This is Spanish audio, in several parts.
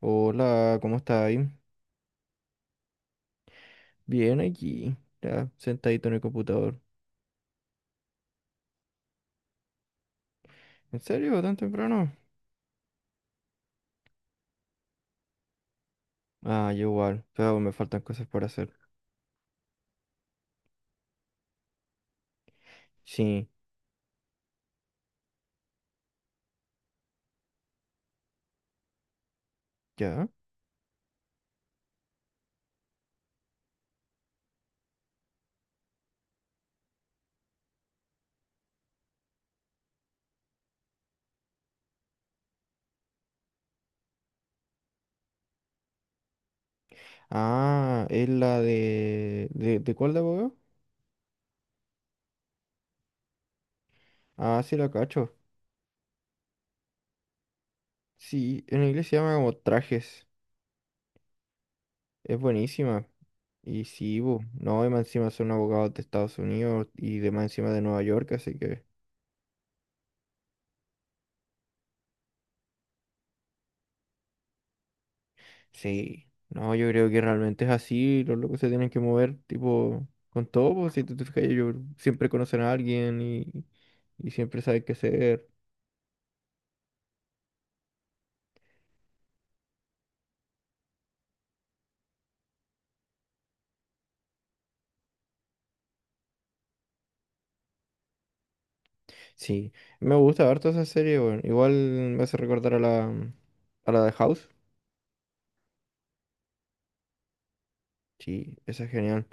Hola, ¿cómo estáis? Bien aquí, ya, sentadito en el computador. ¿En serio? ¿Tan temprano? Ah, yo igual, pero me faltan cosas por hacer. Sí, ya. Ah, es la de... ¿De cuál de abogado? Ah, sí, la cacho. Sí, en inglés se llama como trajes. Es buenísima. Y sí, bu, no, y más encima son abogados de Estados Unidos y de más encima de Nueva York, así que... Sí, no, yo creo que realmente es así, los locos se tienen que mover, tipo, con todo, pues, si tú te fijas, ellos siempre conocen a alguien y siempre saben qué hacer. Sí, me gusta harto esa serie, bueno, igual me hace recordar a la de House. Sí, esa es genial.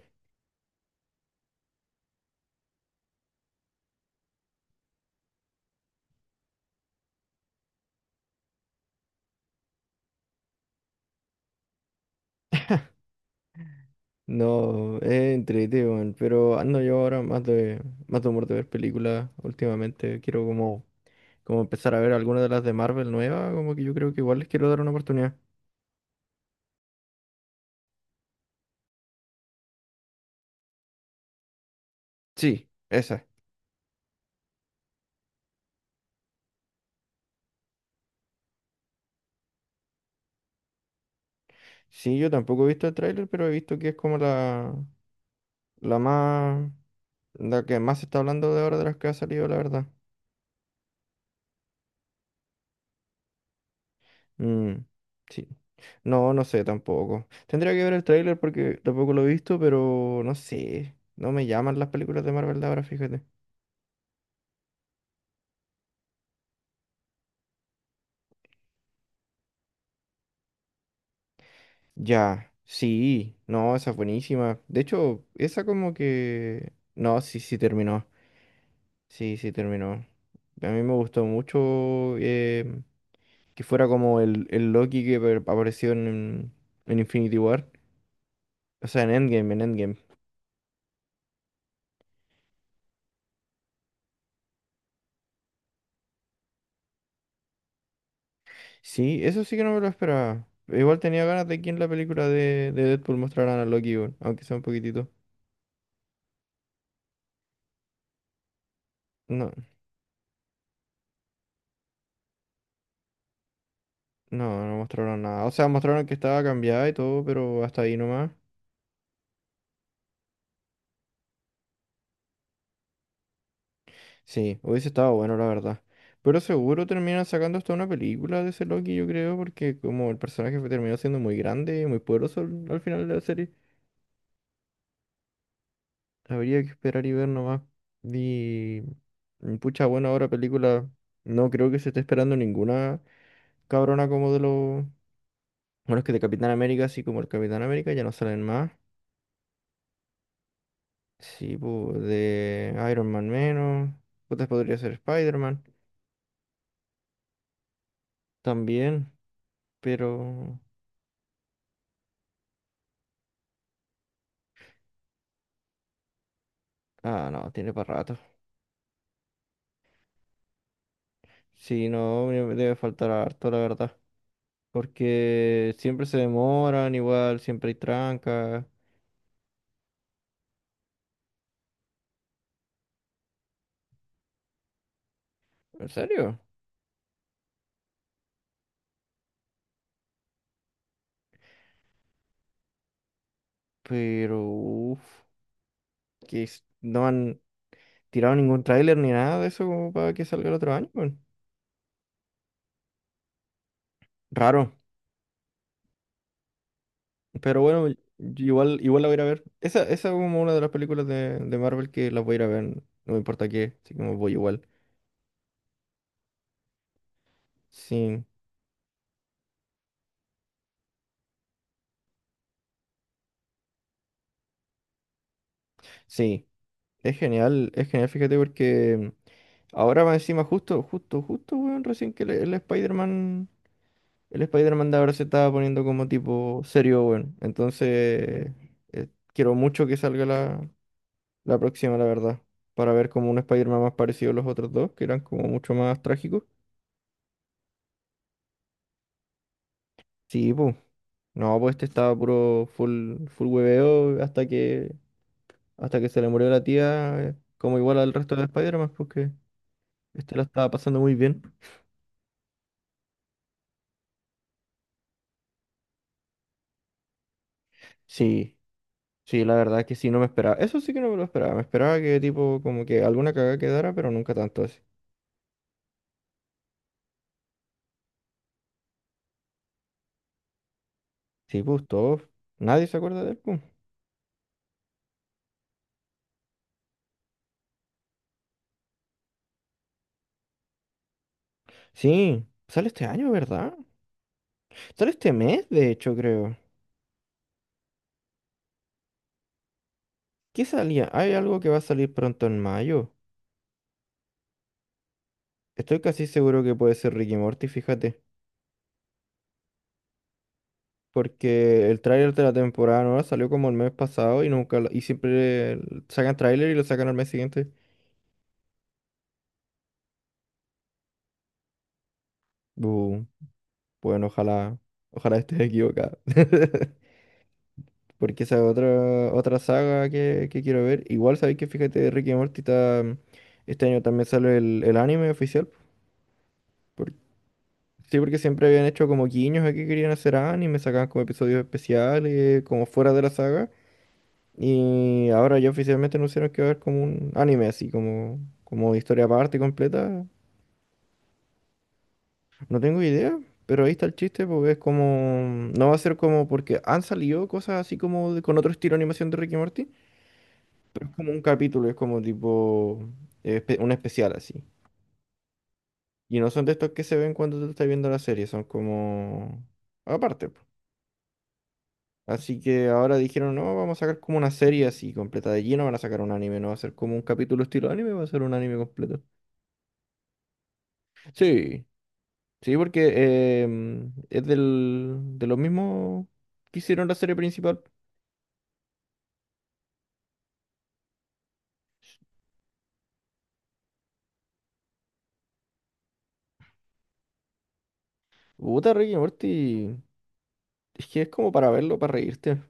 No, es entrete, weón, pero ando yo ahora más de humor de ver películas últimamente, quiero como, como empezar a ver algunas de las de Marvel nuevas, como que yo creo que igual les quiero dar una oportunidad. Sí, esa. Sí, yo tampoco he visto el tráiler, pero he visto que es como la más, la que más se está hablando de ahora de las que ha salido, la verdad. Mm, sí. No, no sé tampoco. Tendría que ver el tráiler porque tampoco lo he visto, pero no sé. No me llaman las películas de Marvel de ahora, fíjate. Ya, sí, no, esa es buenísima. De hecho, esa como que... No, sí, sí terminó. Sí, sí terminó. A mí me gustó mucho. Que fuera como el Loki que apareció en Infinity War. O sea, en Endgame, en Endgame. Sí, eso sí que no me lo esperaba. Igual tenía ganas de que en la película de Deadpool mostraran a Loki, weón, aunque sea un poquitito. No, no, no mostraron nada. O sea, mostraron que estaba cambiada y todo, pero hasta ahí nomás. Sí, hubiese estado bueno, la verdad. Pero seguro terminan sacando hasta una película de ese Loki, yo creo, porque como el personaje terminó siendo muy grande y muy poderoso al final de la serie. Habría que esperar y ver nomás. Y pucha, bueno, ahora película. No creo que se esté esperando ninguna cabrona como de los. Bueno, es que de Capitán América, así como el Capitán América, ya no salen más. Sí, pues de Iron Man menos. Putas podría ser Spider-Man también, pero. Ah, no, tiene para rato. Sí, no, me debe faltar harto, la verdad. Porque siempre se demoran, igual, siempre hay trancas. ¿En serio? Pero, uff. Que no han tirado ningún tráiler ni nada de eso como para que salga el otro año, weón. Raro. Pero bueno, igual, igual la voy a ir a ver. Esa es como una de las películas de Marvel que las voy a ir a ver. No me importa qué, así que me voy igual. Sí, sí. Es genial, fíjate, porque ahora más encima justo, justo, justo, weón, recién que el Spider-Man de ahora se estaba poniendo como tipo serio, weón. Entonces, eh, quiero mucho que salga la, la próxima, la verdad. Para ver como un Spider-Man más parecido a los otros dos, que eran como mucho más trágicos. Sí, pues. No, pues este estaba puro full, full hueveo hasta que se le murió la tía, como igual al resto de Spider-Man, porque este la estaba pasando muy bien. Sí, sí, la verdad es que sí, no me esperaba. Eso sí que no me lo esperaba. Me esperaba que tipo, como que alguna cagada quedara, pero nunca tanto así. Sí, pues todos. Nadie se acuerda de él, pues. Sí, sale este año, ¿verdad? Sale este mes, de hecho, creo. ¿Qué salía? Hay algo que va a salir pronto en mayo. Estoy casi seguro que puede ser Ricky Morty, fíjate. Porque el tráiler de la temporada nueva salió como el mes pasado y nunca y siempre sacan tráiler y lo sacan al mes siguiente. Bu, bueno, ojalá, ojalá estés equivocado. Porque esa es otra, otra saga que quiero ver. Igual sabéis que fíjate, Ricky Morty está, este año también sale el anime oficial. Sí, porque siempre habían hecho como guiños a que querían hacer anime, sacaban como episodios especiales, como fuera de la saga. Y ahora ya oficialmente anunciaron que va a haber como un anime así, como, como historia aparte completa. No tengo idea, pero ahí está el chiste, porque es como... No va a ser como porque han salido cosas así como con otro estilo de animación de Ricky Morty. Es como un capítulo, es como tipo un especial así. Y no son de estos que se ven cuando tú estás viendo la serie, son como... Aparte. Así que ahora dijeron, no, vamos a sacar como una serie así completa de lleno, van a sacar un anime, no va a ser como un capítulo estilo anime, va a ser un anime completo. Sí, sí, porque es de los mismos que hicieron la serie principal. Puta, Rick y Morty, es que es como para verlo, para reírte.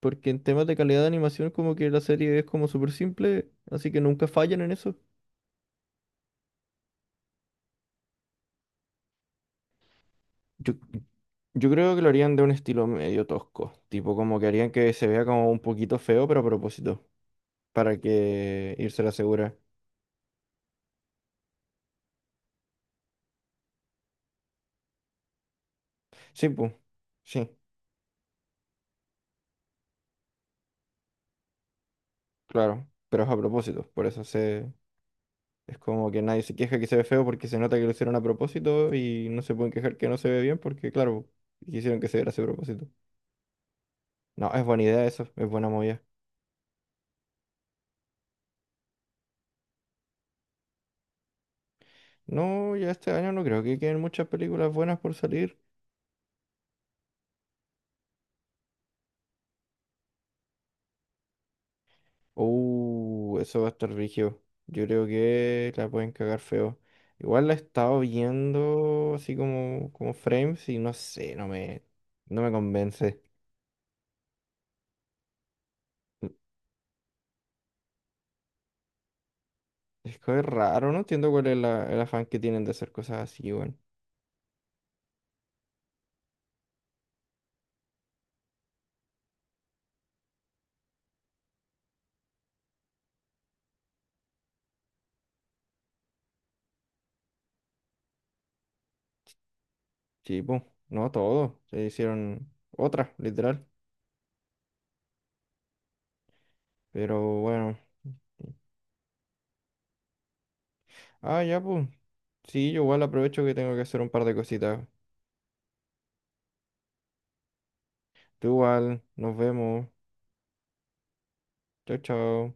Porque en temas de calidad de animación, como que la serie es como súper simple, así que nunca fallan en eso. Yo, yo creo que lo harían de un estilo medio tosco, tipo como que harían que se vea como un poquito feo, pero a propósito. Para que irse a la segura. Sí, pues, sí, claro, pero es a propósito, por eso se... Es como que nadie se queja que se ve feo porque se nota que lo hicieron a propósito y no se pueden quejar que no se ve bien porque, claro, quisieron que se viera a ese propósito. No, es buena idea eso, es buena movida. No, ya este año no creo que queden muchas películas buenas por salir. Eso va a estar rígido. Yo creo que la pueden cagar feo. Igual la he estado viendo así como, como frames y no sé, no me convence. Es que es raro, no entiendo cuál es el afán que tienen de hacer cosas así, bueno. Sí, pues, no todo. Se hicieron otras, literal. Pero bueno. Ah, ya, pues. Sí, yo igual aprovecho que tengo que hacer un par de cositas. Tú igual, nos vemos. Chao, chao.